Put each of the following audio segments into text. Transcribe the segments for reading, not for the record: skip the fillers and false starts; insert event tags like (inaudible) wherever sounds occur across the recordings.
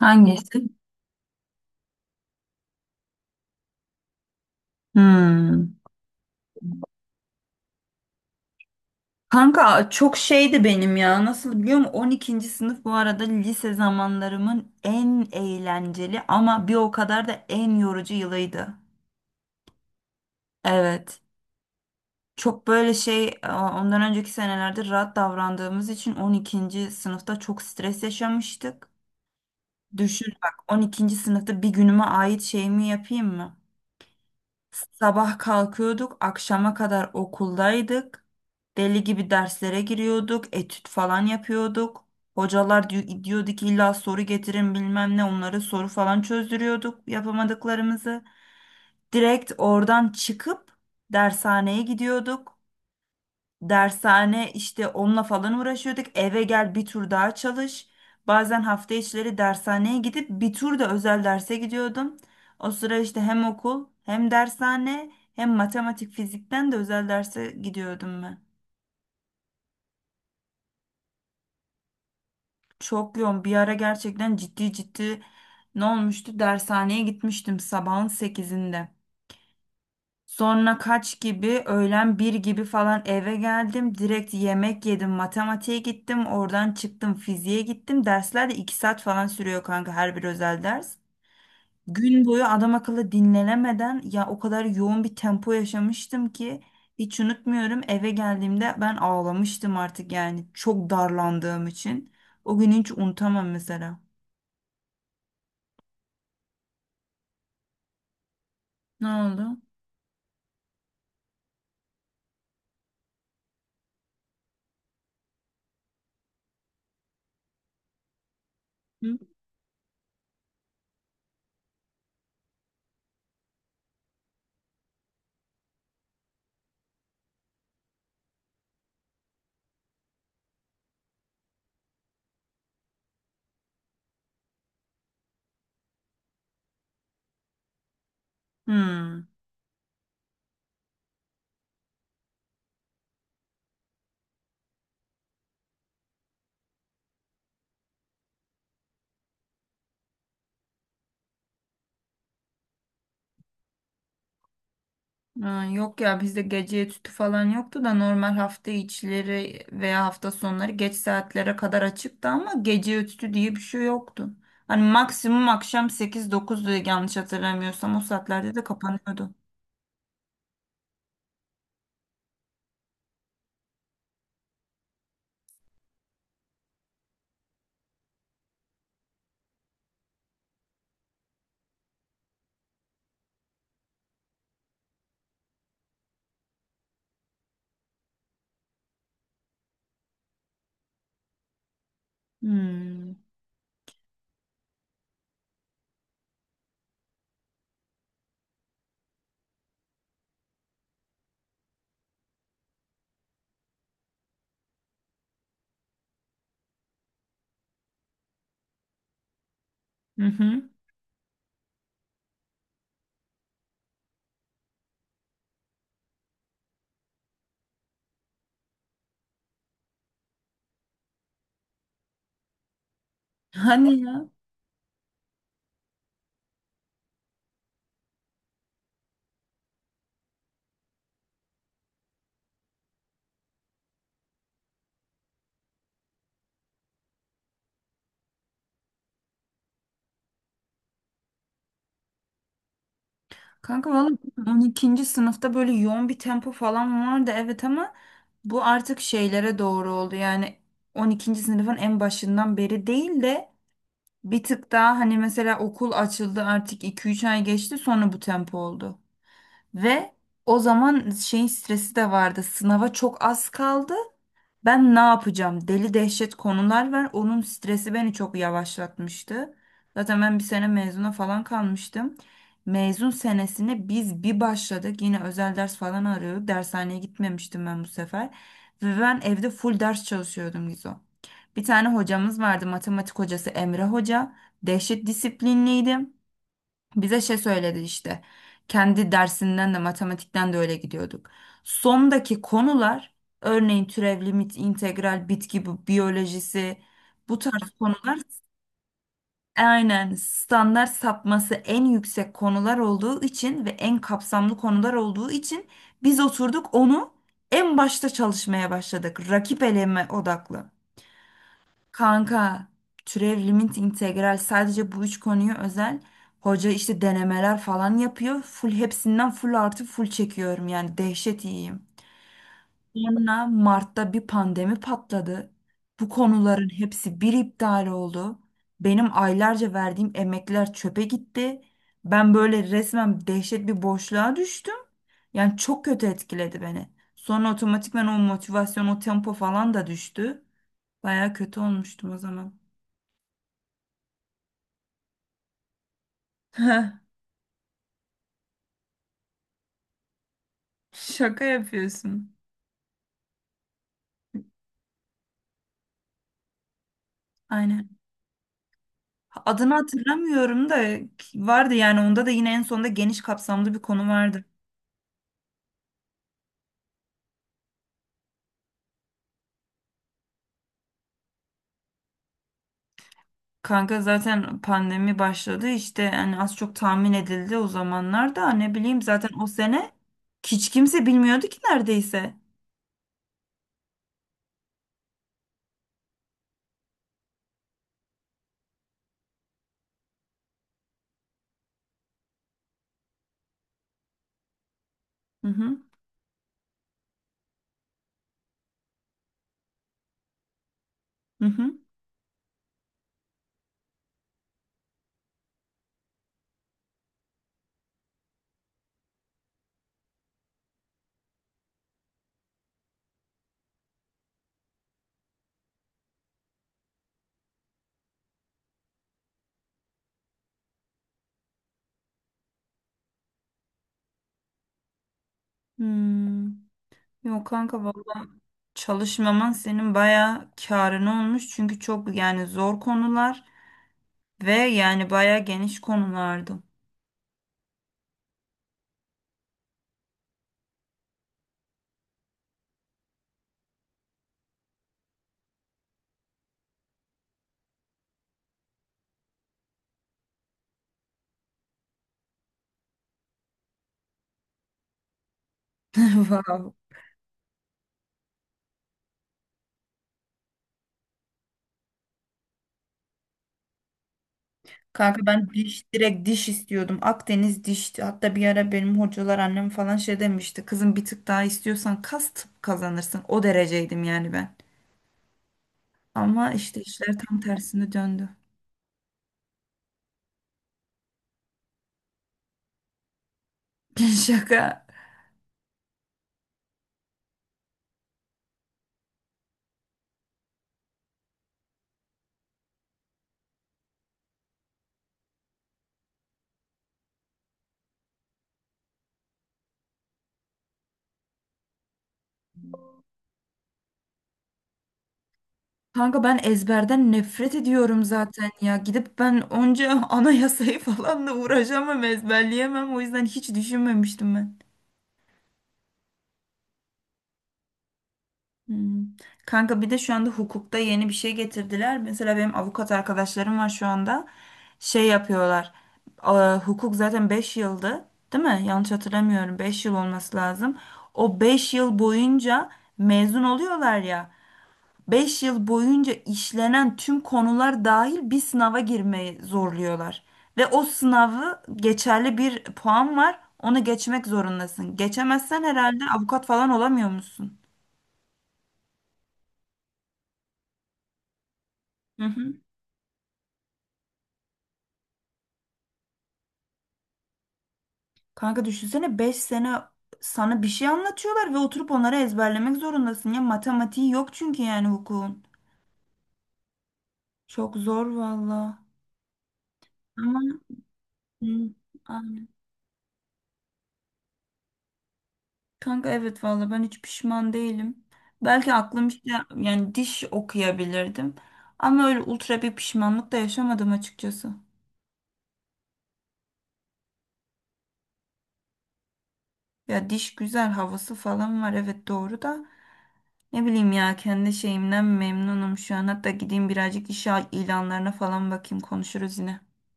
Hangisi? Hmm. Kanka çok şeydi benim ya. Nasıl biliyor musun? 12. sınıf bu arada lise zamanlarımın en eğlenceli ama bir o kadar da en yorucu yılıydı. Evet. Çok böyle şey ondan önceki senelerde rahat davrandığımız için 12. sınıfta çok stres yaşamıştık. Düşün bak, 12. sınıfta bir günüme ait şeyimi yapayım mı? Sabah kalkıyorduk, akşama kadar okuldaydık. Deli gibi derslere giriyorduk, etüt falan yapıyorduk. Hocalar diyordu ki illa soru getirin bilmem ne, onları soru falan çözdürüyorduk yapamadıklarımızı. Direkt oradan çıkıp dershaneye gidiyorduk. Dershane işte, onunla falan uğraşıyorduk. Eve gel, bir tur daha çalış. Bazen hafta içleri dershaneye gidip bir tur da özel derse gidiyordum. O sıra işte hem okul, hem dershane, hem matematik fizikten de özel derse gidiyordum ben. Çok yoğun bir ara, gerçekten ciddi ciddi, ne olmuştu? Dershaneye gitmiştim sabahın 8'inde. Sonra kaç gibi, öğlen bir gibi falan eve geldim. Direkt yemek yedim. Matematiğe gittim. Oradan çıktım. Fiziğe gittim. Dersler de 2 saat falan sürüyor kanka, her bir özel ders. Gün boyu adam akıllı dinlenemeden, ya o kadar yoğun bir tempo yaşamıştım ki hiç unutmuyorum. Eve geldiğimde ben ağlamıştım artık, yani çok darlandığım için. O günü hiç unutamam mesela. Ne oldu? Hı? Hmm. Ha, yok ya, bizde gece etütü falan yoktu da normal hafta içleri veya hafta sonları geç saatlere kadar açıktı, ama gece etütü diye bir şey yoktu. Hani maksimum akşam 8-9 diye yanlış hatırlamıyorsam, o saatlerde de kapanıyordu. Hmm. Hı hı. (laughs) Hani ya. Kanka valla 12. sınıfta böyle yoğun bir tempo falan vardı, evet, ama bu artık şeylere doğru oldu. Yani 12. sınıfın en başından beri değil de bir tık daha, hani mesela okul açıldı, artık 2-3 ay geçti, sonra bu tempo oldu. Ve o zaman şeyin stresi de vardı. Sınava çok az kaldı. Ben ne yapacağım? Deli dehşet konular var. Onun stresi beni çok yavaşlatmıştı. Zaten ben bir sene mezuna falan kalmıştım. Mezun senesine biz bir başladık. Yine özel ders falan arıyorduk. Dershaneye gitmemiştim ben bu sefer. Ve ben evde full ders çalışıyordum Gizo. Bir tane hocamız vardı, matematik hocası Emre Hoca. Dehşet disiplinliydi. Bize şey söyledi işte. Kendi dersinden de, matematikten de öyle gidiyorduk. Sondaki konular, örneğin türev, limit, integral, bitki biyolojisi, bu tarz konular, aynen standart sapması en yüksek konular olduğu için ve en kapsamlı konular olduğu için, biz oturduk onu en başta çalışmaya başladık. Rakip eleme odaklı. Kanka, türev, limit, integral, sadece bu üç konuyu özel. Hoca işte denemeler falan yapıyor. Full hepsinden full artı full çekiyorum, yani dehşet iyiyim. Sonra Mart'ta bir pandemi patladı. Bu konuların hepsi bir iptal oldu. Benim aylarca verdiğim emekler çöpe gitti. Ben böyle resmen dehşet bir boşluğa düştüm. Yani çok kötü etkiledi beni. Sonra otomatikman o motivasyon, o tempo falan da düştü. Baya kötü olmuştum o zaman. (laughs) Heh, şaka yapıyorsun. Aynen. Adını hatırlamıyorum da vardı yani, onda da yine en sonunda geniş kapsamlı bir konu vardı. Kanka zaten pandemi başladı işte, yani az çok tahmin edildi o zamanlarda, ne bileyim, zaten o sene hiç kimse bilmiyordu ki neredeyse. Hı hı. Hı hı. Hmm. Yok kanka vallahi, çalışmaman senin bayağı kârına olmuş, çünkü çok yani zor konular ve yani bayağı geniş konulardı. (laughs) Wow. Kanka ben diş, direkt diş istiyordum. Akdeniz dişti. Hatta bir ara benim hocalar, annem falan şey demişti. Kızım, bir tık daha istiyorsan kas tıp kazanırsın. O dereceydim yani ben. Ama işte işler tam tersine döndü. (laughs) Şaka. Kanka ben ezberden nefret ediyorum zaten ya. Gidip ben onca (laughs) anayasayı falan da uğraşamam, ezberleyemem. O yüzden hiç düşünmemiştim ben. Hmm. Kanka bir de şu anda hukukta yeni bir şey getirdiler. Mesela benim avukat arkadaşlarım var şu anda. Şey yapıyorlar. Aa, hukuk zaten 5 yıldı, değil mi? Yanlış hatırlamıyorum, 5 yıl olması lazım. O 5 yıl boyunca mezun oluyorlar ya. 5 yıl boyunca işlenen tüm konular dahil bir sınava girmeyi zorluyorlar. Ve o sınavı geçerli bir puan var. Onu geçmek zorundasın. Geçemezsen herhalde avukat falan olamıyor musun? Kanka düşünsene, 5 sene sana bir şey anlatıyorlar ve oturup onları ezberlemek zorundasın ya. Matematiği yok çünkü, yani hukukun. Çok zor valla. Ama hı, aynen. Kanka evet, valla ben hiç pişman değilim. Belki aklım işte, yani diş okuyabilirdim. Ama öyle ultra bir pişmanlık da yaşamadım açıkçası. Ya diş güzel havası falan var, evet doğru da. Ne bileyim ya, kendi şeyimden memnunum şu an. Hatta gideyim birazcık iş ilanlarına falan bakayım, konuşuruz yine.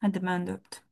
Hadi ben de öptüm.